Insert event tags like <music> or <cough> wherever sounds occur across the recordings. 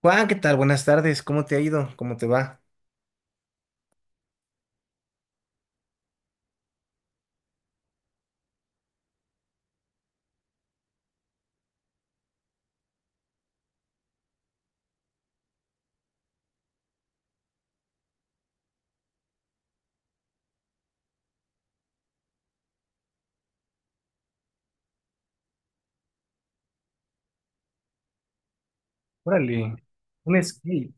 Juan, ¿qué tal? Buenas tardes. ¿Cómo te ha ido? ¿Cómo te va? Órale, un skate.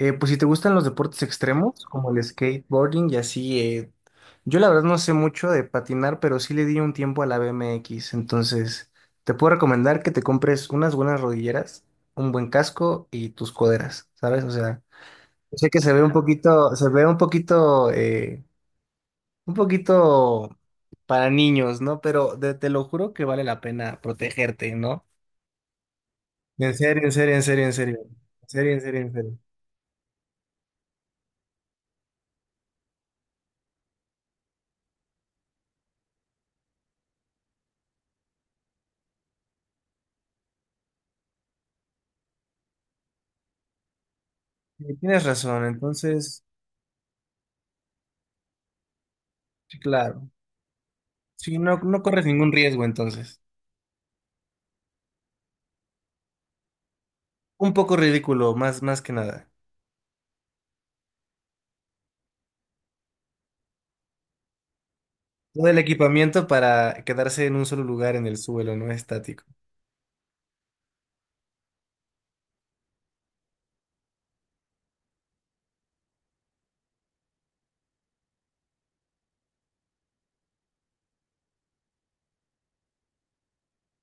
Pues si te gustan los deportes extremos, como el skateboarding y así, yo la verdad no sé mucho de patinar, pero sí le di un tiempo a la BMX. Entonces, te puedo recomendar que te compres unas buenas rodilleras, un buen casco y tus coderas, ¿sabes? O sea, yo sé que se ve un poquito, se ve un poquito para niños, ¿no? Pero te lo juro que vale la pena protegerte, ¿no? En serio, en serio, en serio, en serio. En serio, en serio, en serio. Sí, tienes razón, entonces, sí, claro. Sí, no, no corres ningún riesgo entonces. Un poco ridículo, más, más que nada. Todo el equipamiento para quedarse en un solo lugar en el suelo, no estático.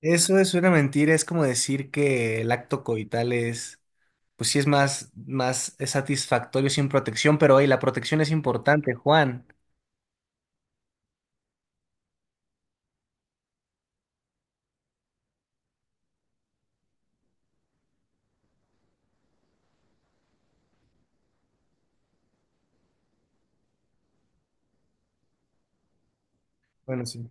Eso es una mentira, es como decir que el acto coital es, pues sí es más, más satisfactorio sin protección, pero hoy la protección es importante, Juan. Bueno, sí.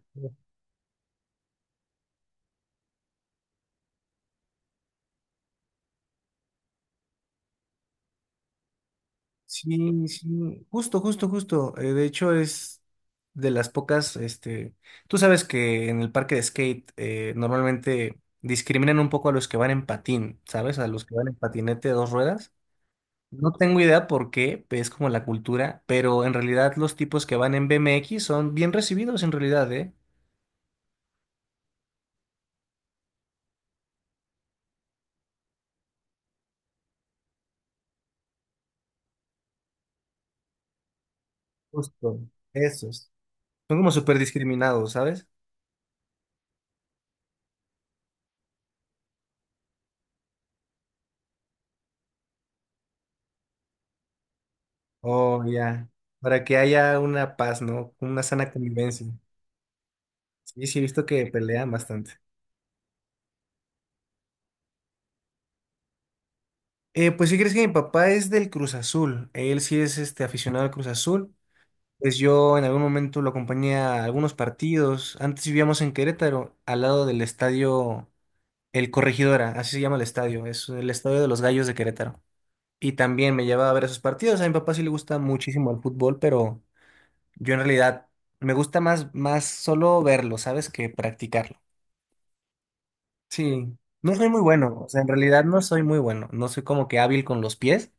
Sí, sí, justo, justo, justo. De hecho, es de las pocas, este, tú sabes que en el parque de skate normalmente discriminan un poco a los que van en patín, ¿sabes? A los que van en patinete de dos ruedas. No tengo idea por qué, es como la cultura, pero en realidad los tipos que van en BMX son bien recibidos en realidad, ¿eh? Justo, esos. Son como súper discriminados, ¿sabes? Oh, ya. Para que haya una paz, ¿no? Una sana convivencia. Sí, sí, he visto que pelean bastante. Pues si crees que mi papá es del Cruz Azul, él sí es este aficionado al Cruz Azul. Pues yo en algún momento lo acompañé a algunos partidos. Antes vivíamos en Querétaro, al lado del estadio El Corregidora, así se llama el estadio, es el estadio de los Gallos de Querétaro. Y también me llevaba a ver esos partidos. A mi papá sí le gusta muchísimo el fútbol, pero yo en realidad me gusta más, más solo verlo, ¿sabes? Que practicarlo. Sí, no soy muy bueno, o sea, en realidad no soy muy bueno, no soy como que hábil con los pies,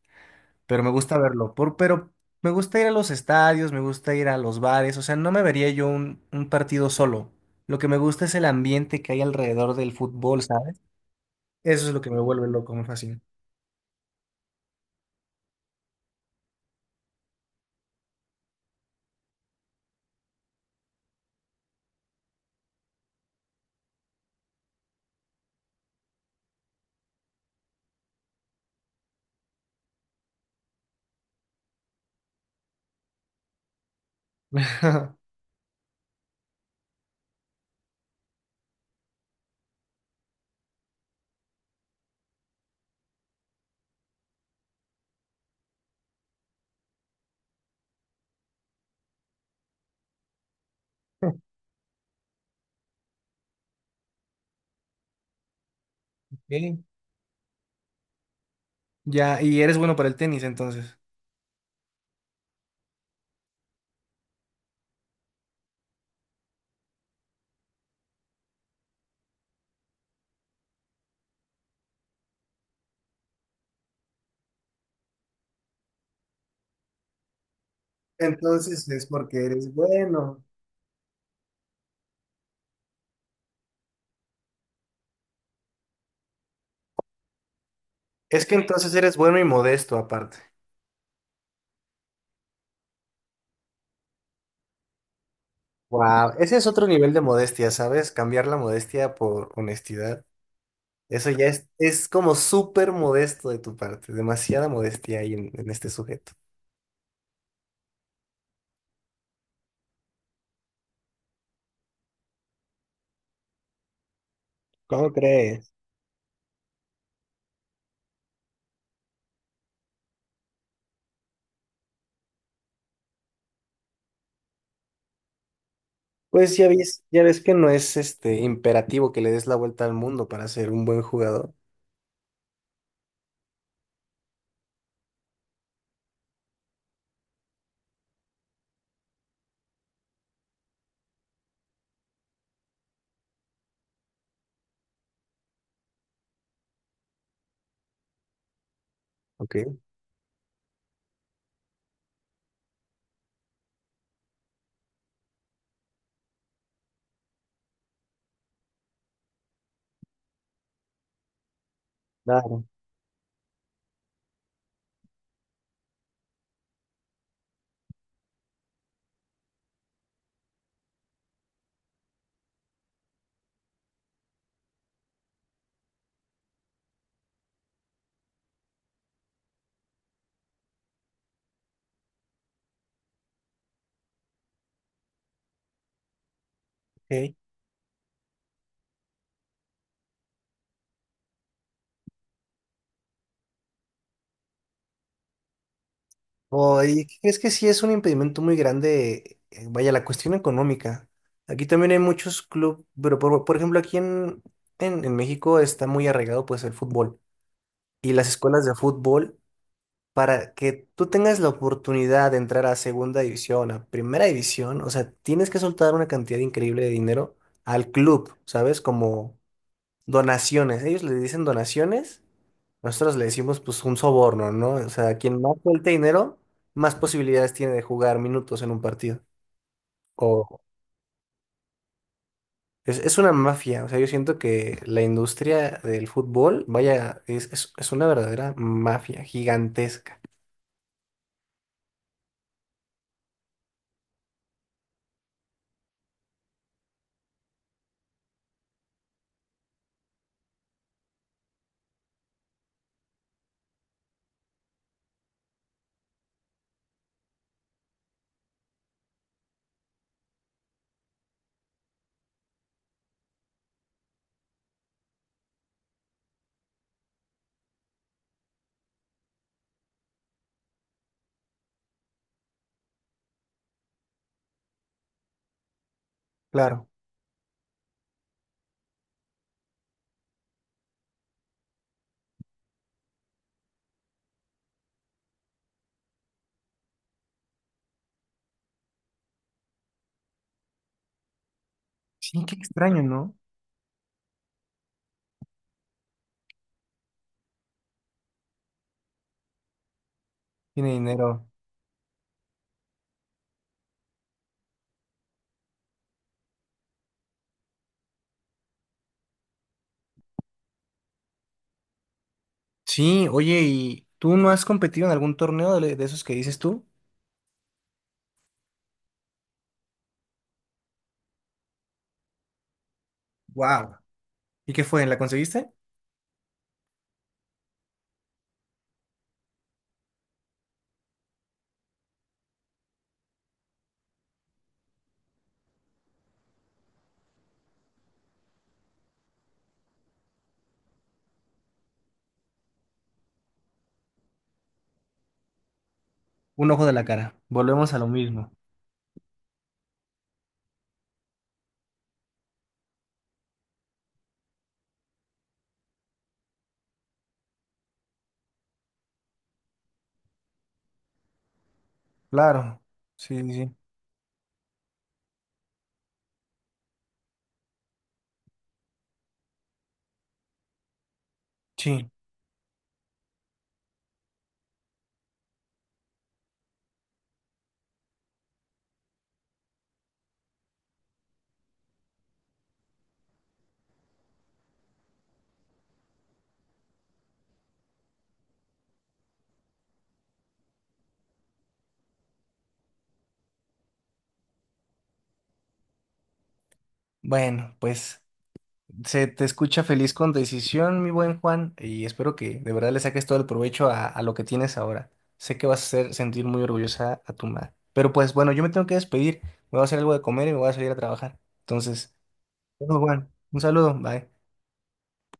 pero me gusta verlo. Pero me gusta ir a los estadios, me gusta ir a los bares, o sea, no me vería yo un partido solo. Lo que me gusta es el ambiente que hay alrededor del fútbol, ¿sabes? Eso es lo que me vuelve loco, me fascina. <laughs> Ok, ya, y eres bueno para el tenis, entonces. Entonces es porque eres bueno. Es que entonces eres bueno y modesto aparte. Wow, ese es otro nivel de modestia, ¿sabes? Cambiar la modestia por honestidad. Eso ya es como súper modesto de tu parte, demasiada modestia hay en este sujeto. ¿Cómo crees? Pues ya ves que no es este imperativo que le des la vuelta al mundo para ser un buen jugador. Ok. Claro. Ok. Oh, ¿y qué crees que sí es un impedimento muy grande? Vaya, la cuestión económica. Aquí también hay muchos clubes, pero por ejemplo aquí en México está muy arraigado pues el fútbol. Y las escuelas de fútbol para que tú tengas la oportunidad de entrar a segunda división, a primera división, o sea, tienes que soltar una cantidad increíble de dinero al club, ¿sabes? Como donaciones. Ellos le dicen donaciones, nosotros le decimos pues un soborno, ¿no? O sea, quien más suelte dinero, más posibilidades tiene de jugar minutos en un partido. O es una mafia, o sea, yo siento que la industria del fútbol, vaya, es una verdadera mafia gigantesca. Claro. Sí, qué extraño, ¿no? Tiene dinero. Sí, oye, ¿y tú no has competido en algún torneo de esos que dices tú? Wow. ¿Y qué fue? ¿La conseguiste? Un ojo de la cara. Volvemos a lo mismo. Claro. Sí, sí, sí. Sí. Bueno, pues se te escucha feliz con decisión, mi buen Juan, y espero que de verdad le saques todo el provecho a lo que tienes ahora. Sé que vas a hacer sentir muy orgullosa a tu madre. Pero pues bueno, yo me tengo que despedir. Me voy a hacer algo de comer y me voy a salir a trabajar. Entonces, bueno, Juan, un saludo. Bye.